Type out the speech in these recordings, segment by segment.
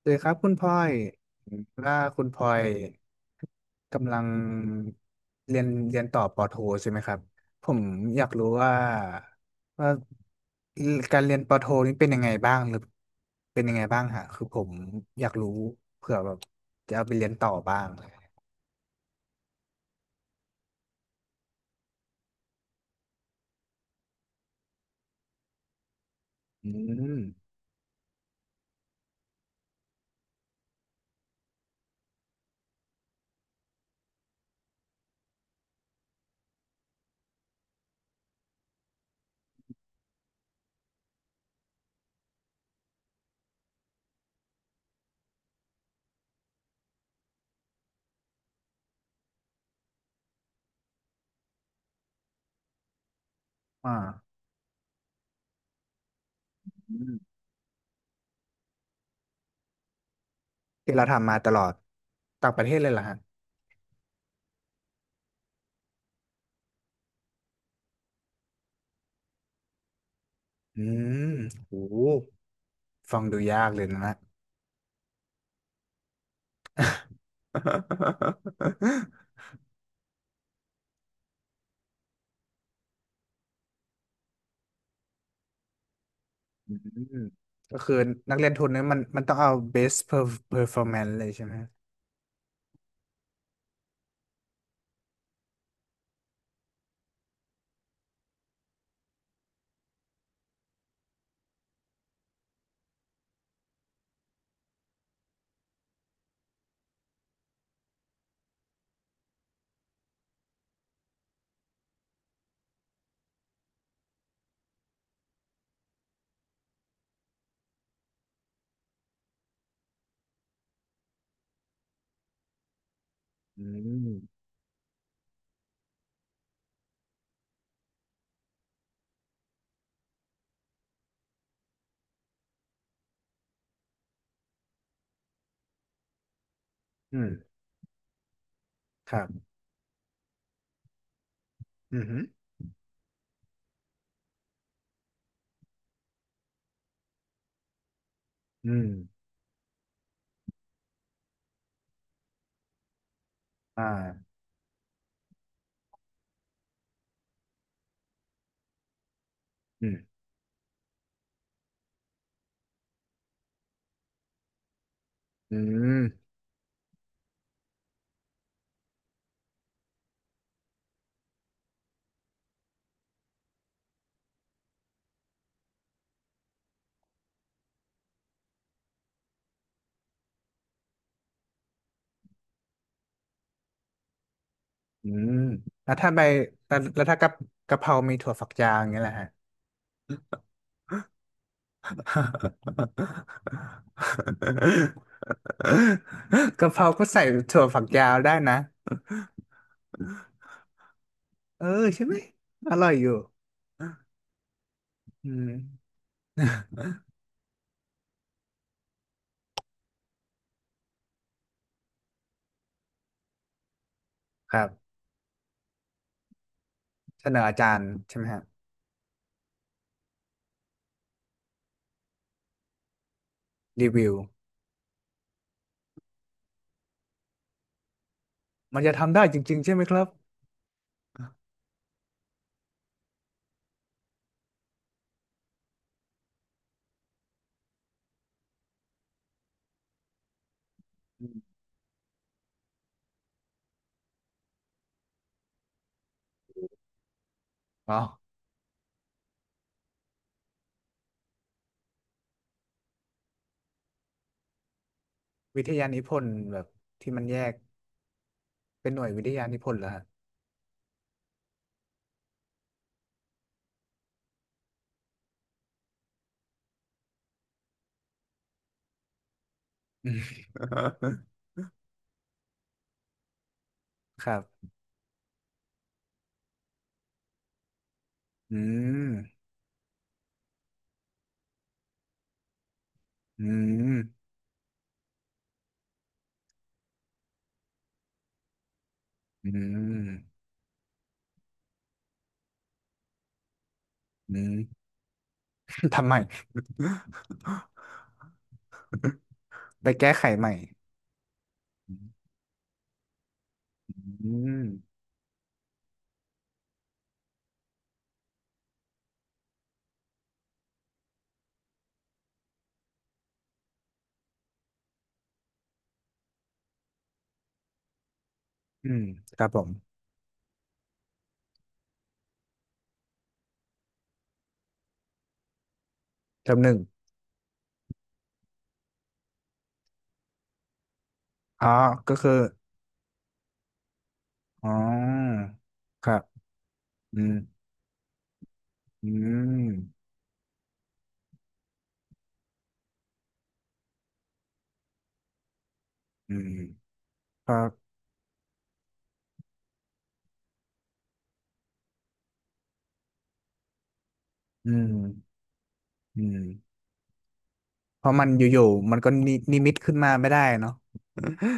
สวัสดีครับคุณพลอยว่าคุณพลอยกำลังเรียนต่อปอโทใช่ไหมครับ ผมอยากรู้ว่าการเรียนปอโทนี้เป็นยังไงบ้างฮะคือผมอยากรู้เผื่อแบบจะเอาไปเรียนต่อบ้างอืมอ่าอืมที่เราทำมาตลอดต่างประเทศเลยเหรอฮะอืมโหฟังดูยากเลยนะ อืมก็คือนักเรียนทุนเนี่ยมันต้องเอา best performance เลยใช่ไหมฮะอืมอืมครับอืมอหืออืมอ่าอืมอืมอืมแล้วถ้าใบแล้วถ้ากะเพรามีถั่วฝักยาวอย่างเงี้ยแหละฮะ กะเพราก็ใส่ถั่วฝักยาวได้นะเออใช่ไหมอร่อยอยู่อืม ครับเสนออาจารย์ใช่ไหมฮะรีวิว มันจะทำได้จริงๆใช่ไหมครับอืมอ๋อวิทยานิพนธ์แบบที่มันแยกเป็นหน่วยวิทยานิพนธ์เหรอฮะอืม ครับอืมอืมอืมอืม ทำไมไปแก้ไขใหม่อืมอืมครับผมเทอมหนึ่งอ๋อก็คืออ๋อครับอืมอืมอืมครับอืมอืม เพราะมันอยู่ๆมันก็นินิมิตขึ้นมาไม่ได้เนาะ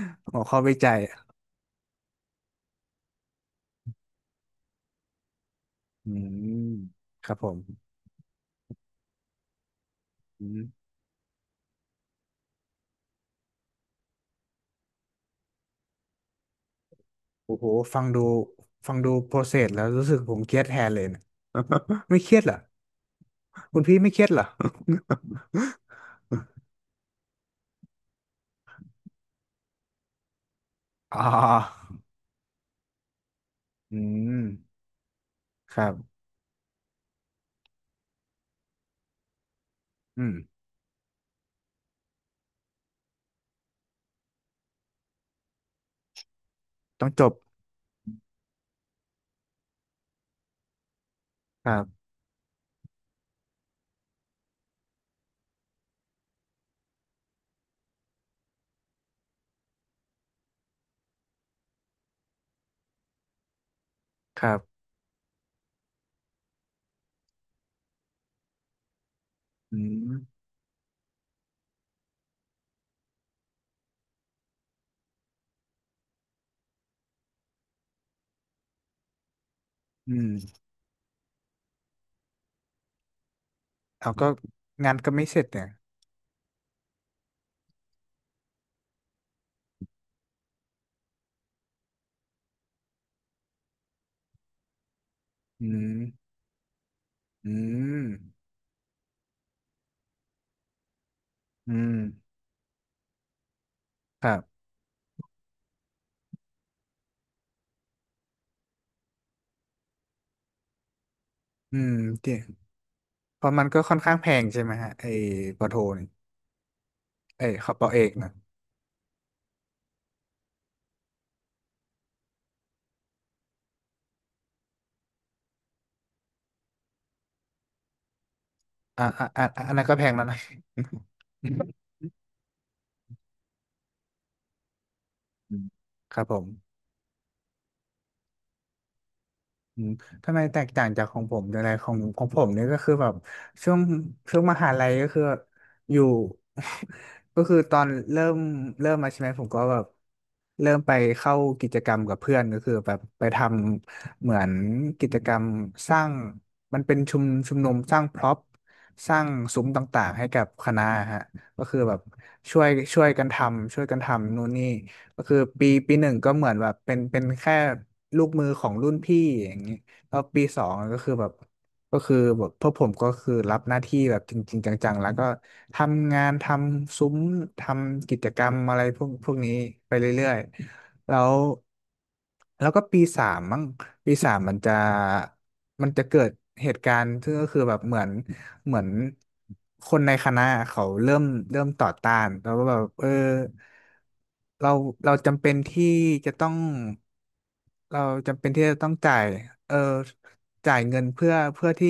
หัวข้อวิจัยอืมครับผมอืมโอ้โหฟังดูฟังดูโปรเซสแล้วรู้สึกผมเครียดแทนเลยเนะ ไม่เครียดเหรอคุณพี่ไม่เครียดเหรอ อ๋ออืมครับอืมต้องจบครับครับอืมอืมเอาก็งานก็ไม่เสร็จเนี่ยอืมอืมอืมครับอืมจริง เพราะมันก็ค่อนข้างแพงใช่ไหมฮะไอ้ปอโทนี่เอ้ยขอปอเอกนะอ่ะอ่ะอ่ะอันนั้นก็แพงแล้วนะ ครับผม อืมทำไมแตกต่างจากของผมอะไรของผมเนี่ยก็คือแบบช่วงช่วงมหาลัยก็คืออยู่ ก็คือตอนเริ่มมาใช่ไหมผมก็แบบเริ่มไปเข้ากิจกรรมกับเพื่อนก็คือแบบไปทำเหมือนกิจกรรมสร้างมันเป็นชุมนุมสร้างพร็อพสร้างซุ้มต่างๆให้กับคณะฮะก็คือแบบช่วยช่วยกันทำช่วยกันทำนู่นนี่ ก็คือปีหนึ่งก็เหมือนแบบเป็นแค่ลูกมือของรุ่นพี่อย่างนี้แล้วปีสองก็คือแบบก็คือแบบพวกผมก็คือรับหน้าที่แบบจริงๆจังๆแล้วก็ทำงานทำซุ้มทำกิจกรรมอะไรพวกนี้ไปเรื่อยๆแล้วก็ปีสามมั้งปีสามมันจะเกิดเหตุการณ์ซึ่งก็คือแบบเหมือนคนในคณะเขาเริ่มต่อต้านแล้วก็แบบเออ เราเราจำเป็นที่จะต้องเราจำเป็นที่จะต้องจ่ายเออจ่ายเงินเพื่อที่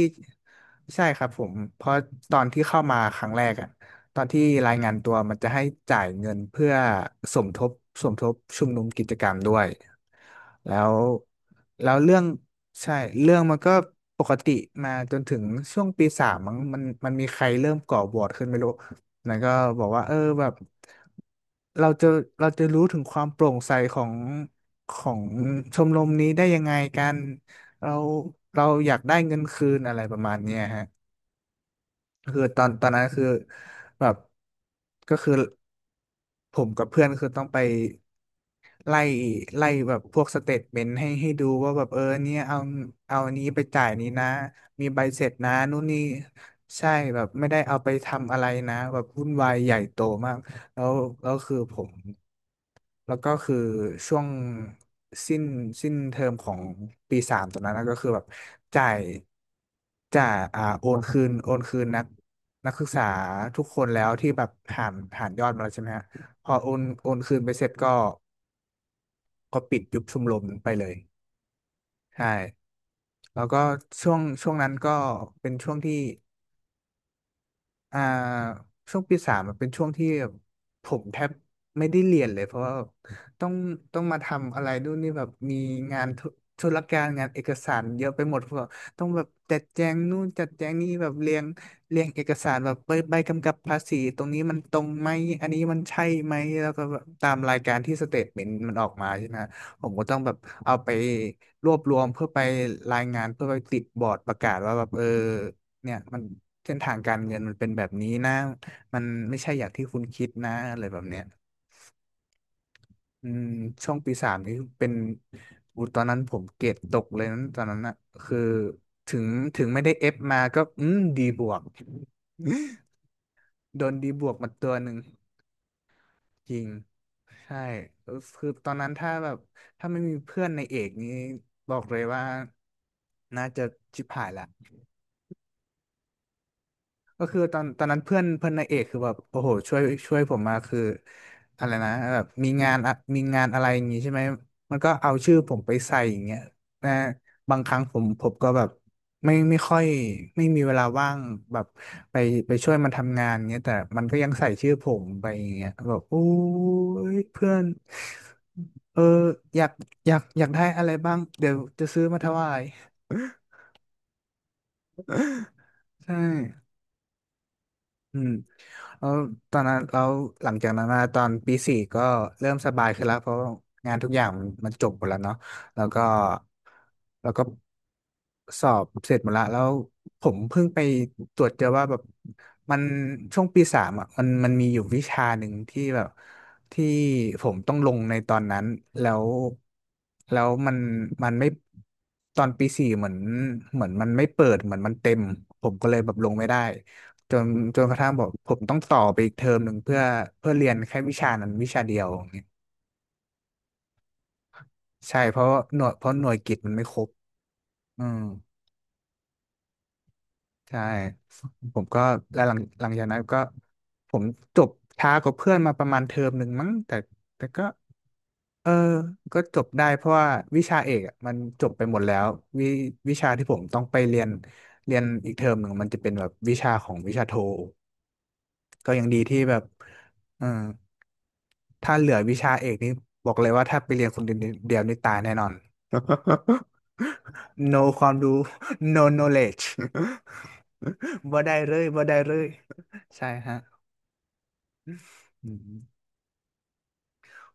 ใช่ครับผมเพราะตอนที่เข้ามาครั้งแรกอะตอนที่รายงานตัวมันจะให้จ่ายเงินเพื่อสมทบสมทบชุมนุมกิจกรรมด้วยแล้วแล้วเรื่องใช่เรื่องมันก็ปกติมาจนถึงช่วงปีสามมั้งมันมีใครเริ่มก่อวอร์ดขึ้นไม่รู้ แล้วก็บอกว่าเออแบบเราจะเราจะรู้ถึงความโปร่งใสของชมรมนี้ได้ยังไงกันเราเราอยากได้เงินคืนอะไรประมาณเนี้ยฮะคือตอนนั้นคือแบบก็คือ ผมกับเพื่อนคือต้องไปไล่ไล่แบบพวกสเตทเมนต์ให้ดูว่าแบบเออเนี่ยเอาอันนี้ไปจ่ายนี้นะมีใบเสร็จนะนู่นนี่ใช่แบบไม่ได้เอาไปทำอะไรนะแบบวุ่นวายใหญ่โตมากแล้วแล้วคือผม แล้วก็คือช่วงสิ้นสิ้นเทอมของปีสามตรงนั้นนะก็คือแบบจ่ายจ่ายอ่าโอนคืนนักศึกษาทุกคนแล้วที่แบบหารยอดมาแล้วใช่ไหมฮะพอโอนคืนไปเสร็จก็ก็ปิดยุบชมรมไปเลยใช่แล้วก็ช่วงนั้นก็เป็นช่วงที่ อ่าช่วงปีสามมันเป็นช่วงที่ผมแทบไม่ได้เรียนเลยเพราะว่าต้องต้องมาทำอะไรนู่นนี่แบบมีงานรการงานเอกสารเยอะไปหมดเพราะว่าต้องแบบจัดแจงนู่นจัดแจงนี่แบบเรียงเอกสารแบบใบกำกับภาษีตรงนี้มันตรงไหมอันนี้มันใช่ไหมแล้วก็แบบตามรายการที่สเตทเมนต์มันออกมาใช่ไหมผมก็ต้องแบบเอาไปรวบรวมเพื่อไปรายงานเพื่อไปติดบอร์ดประกาศว่าแบบเออเนี่ยมัน เส้นทางการเงินมันเป็นแบบนี้นะมันไม่ใช่อย่างที่คุณคิดนะอะไรแบบเนี้ยอืมช่วงปีสามนี่เป็นอูตอนนั้นผมเกรดตกเลยตอนนั้นอะคือถึงถึงไม่ได้เอฟมาก็อืมดีบวกโดนดีบวกมาตัวหนึ่งจริงใช่เออคือตอนนั้นถ้าแบบถ้าไม่มีเพื่อนในเอกนี้บอกเลยว่าน่าจะชิบหายละ ก็คือตอนนั้นเพื่อนเพื่อนนางเอกคือแบบโอ้โหช่วยช่วยผมมาคืออะไรนะแบบมีงานอะมีงานอะไรอย่างงี้ใช่ไหมมันก็เอาชื่อผมไปใส่อย่างเงี้ยนะบางครั้งผมก็แบบไม่ค่อยไม่มีเวลาว่างแบบไปไปช่วยมันทำงานเงี้ยแต่มันก็ยังใส่ชื่อผมไปอย่างเงี้ยแบบโอ้ยเพื่อนเอออยากอยากได้อะไรบ้างเดี๋ยวจะซื้อมาถวายใช่อืม แล้วตอนนั้นแล้วหลังจากนั้นมาตอนปีสี่ก็เริ่มสบายขึ้นแล้วเพราะงานทุกอย่างมันจบหมดแล้วเนาะแล้วก็แล้วก็สอบเสร็จหมดละแล้วผมเพิ่งไปตรวจเจอว่าแบบมันช่วงปีสามอ่ะมันมีอยู่วิชาหนึ่งที่แบบที่ผมต้องลงในตอนนั้นแล้วแล้วมันไม่ตอนปีสี่เหมือนมันไม่เปิดเหมือนมันเต็มผมก็เลยแบบลงไม่ได้ จนจนกระทั่งบอกผมต้องต่อไปอีกเทอมหนึ่งเพื่อเรียนแค่วิชานั้นวิชาเดียวอย่างเงี้ยใช่เพราะหน่วยกิตมันไม่ครบอืมใช่ผมก็แล้วหลังจากนั้นก็ผมจบช้ากว่าเพื่อนมาประมาณเทอมหนึ่งมั้งแต่ก็เออก็จบได้เพราะว่าวิชาเอกอะมันจบไปหมดแล้ววิวิชาที่ผมต้องไปเรียนเรียนอีกเทอมหนึ่งมันจะเป็นแบบวิชาของวิชาโทก็ยังดีที่แบบเออ ถ้าเหลือวิชาเอกนี้บอกเลยว่าถ้าไปเรียนคนเดียวนี่ตายแน่นอน no ความรู้ no knowledge บ่ได้เลยบ่ได้เลยใช่ฮะอืม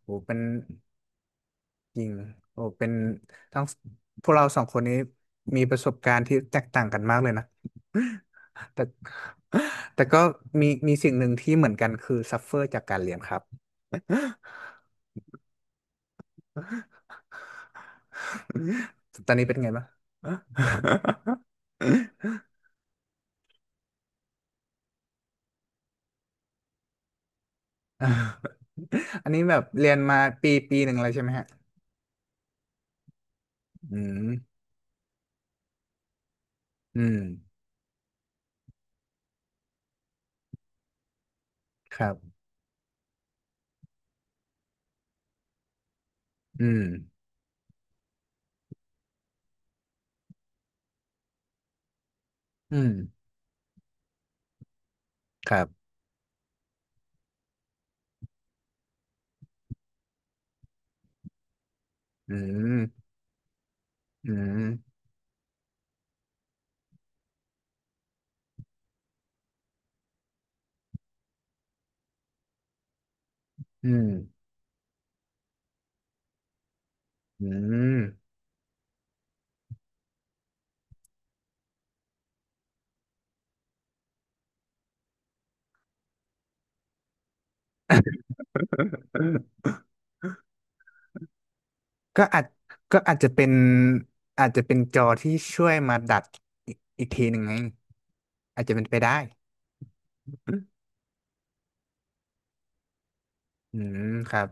โอ้เป็นจริงโอ้เป็นทั้งพวกเราสองคนนี้มีประสบการณ์ที่แตกต่างกันมากเลยนะ แต่แต่ก็มีสิ่งหนึ่งที่เหมือนกันคือซัฟเฟอร์จากการเรียนครับ ตอนนี้เป็นไงบ้าง อันนี้แบบเรียนมาปีปีหนึ่งเลยใช่ไหมฮะอืมอืมครับอืมอืมครับอืมอืมอืม อืมก็อาจก็อาจจะเป็นจอที่ช่วยมาดัดอีกทีหนึ่งไงอาจจะเป็นไปได้อืมครับ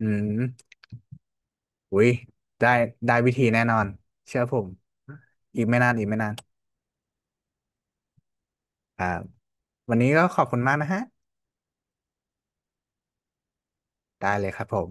อืมอุ้ยได้ได้วิธีแน่นอนเชื่อผมอีกไม่นานอีกไม่นานครับวันนี้ก็ขอบคุณมากนะฮะได้เลยครับผม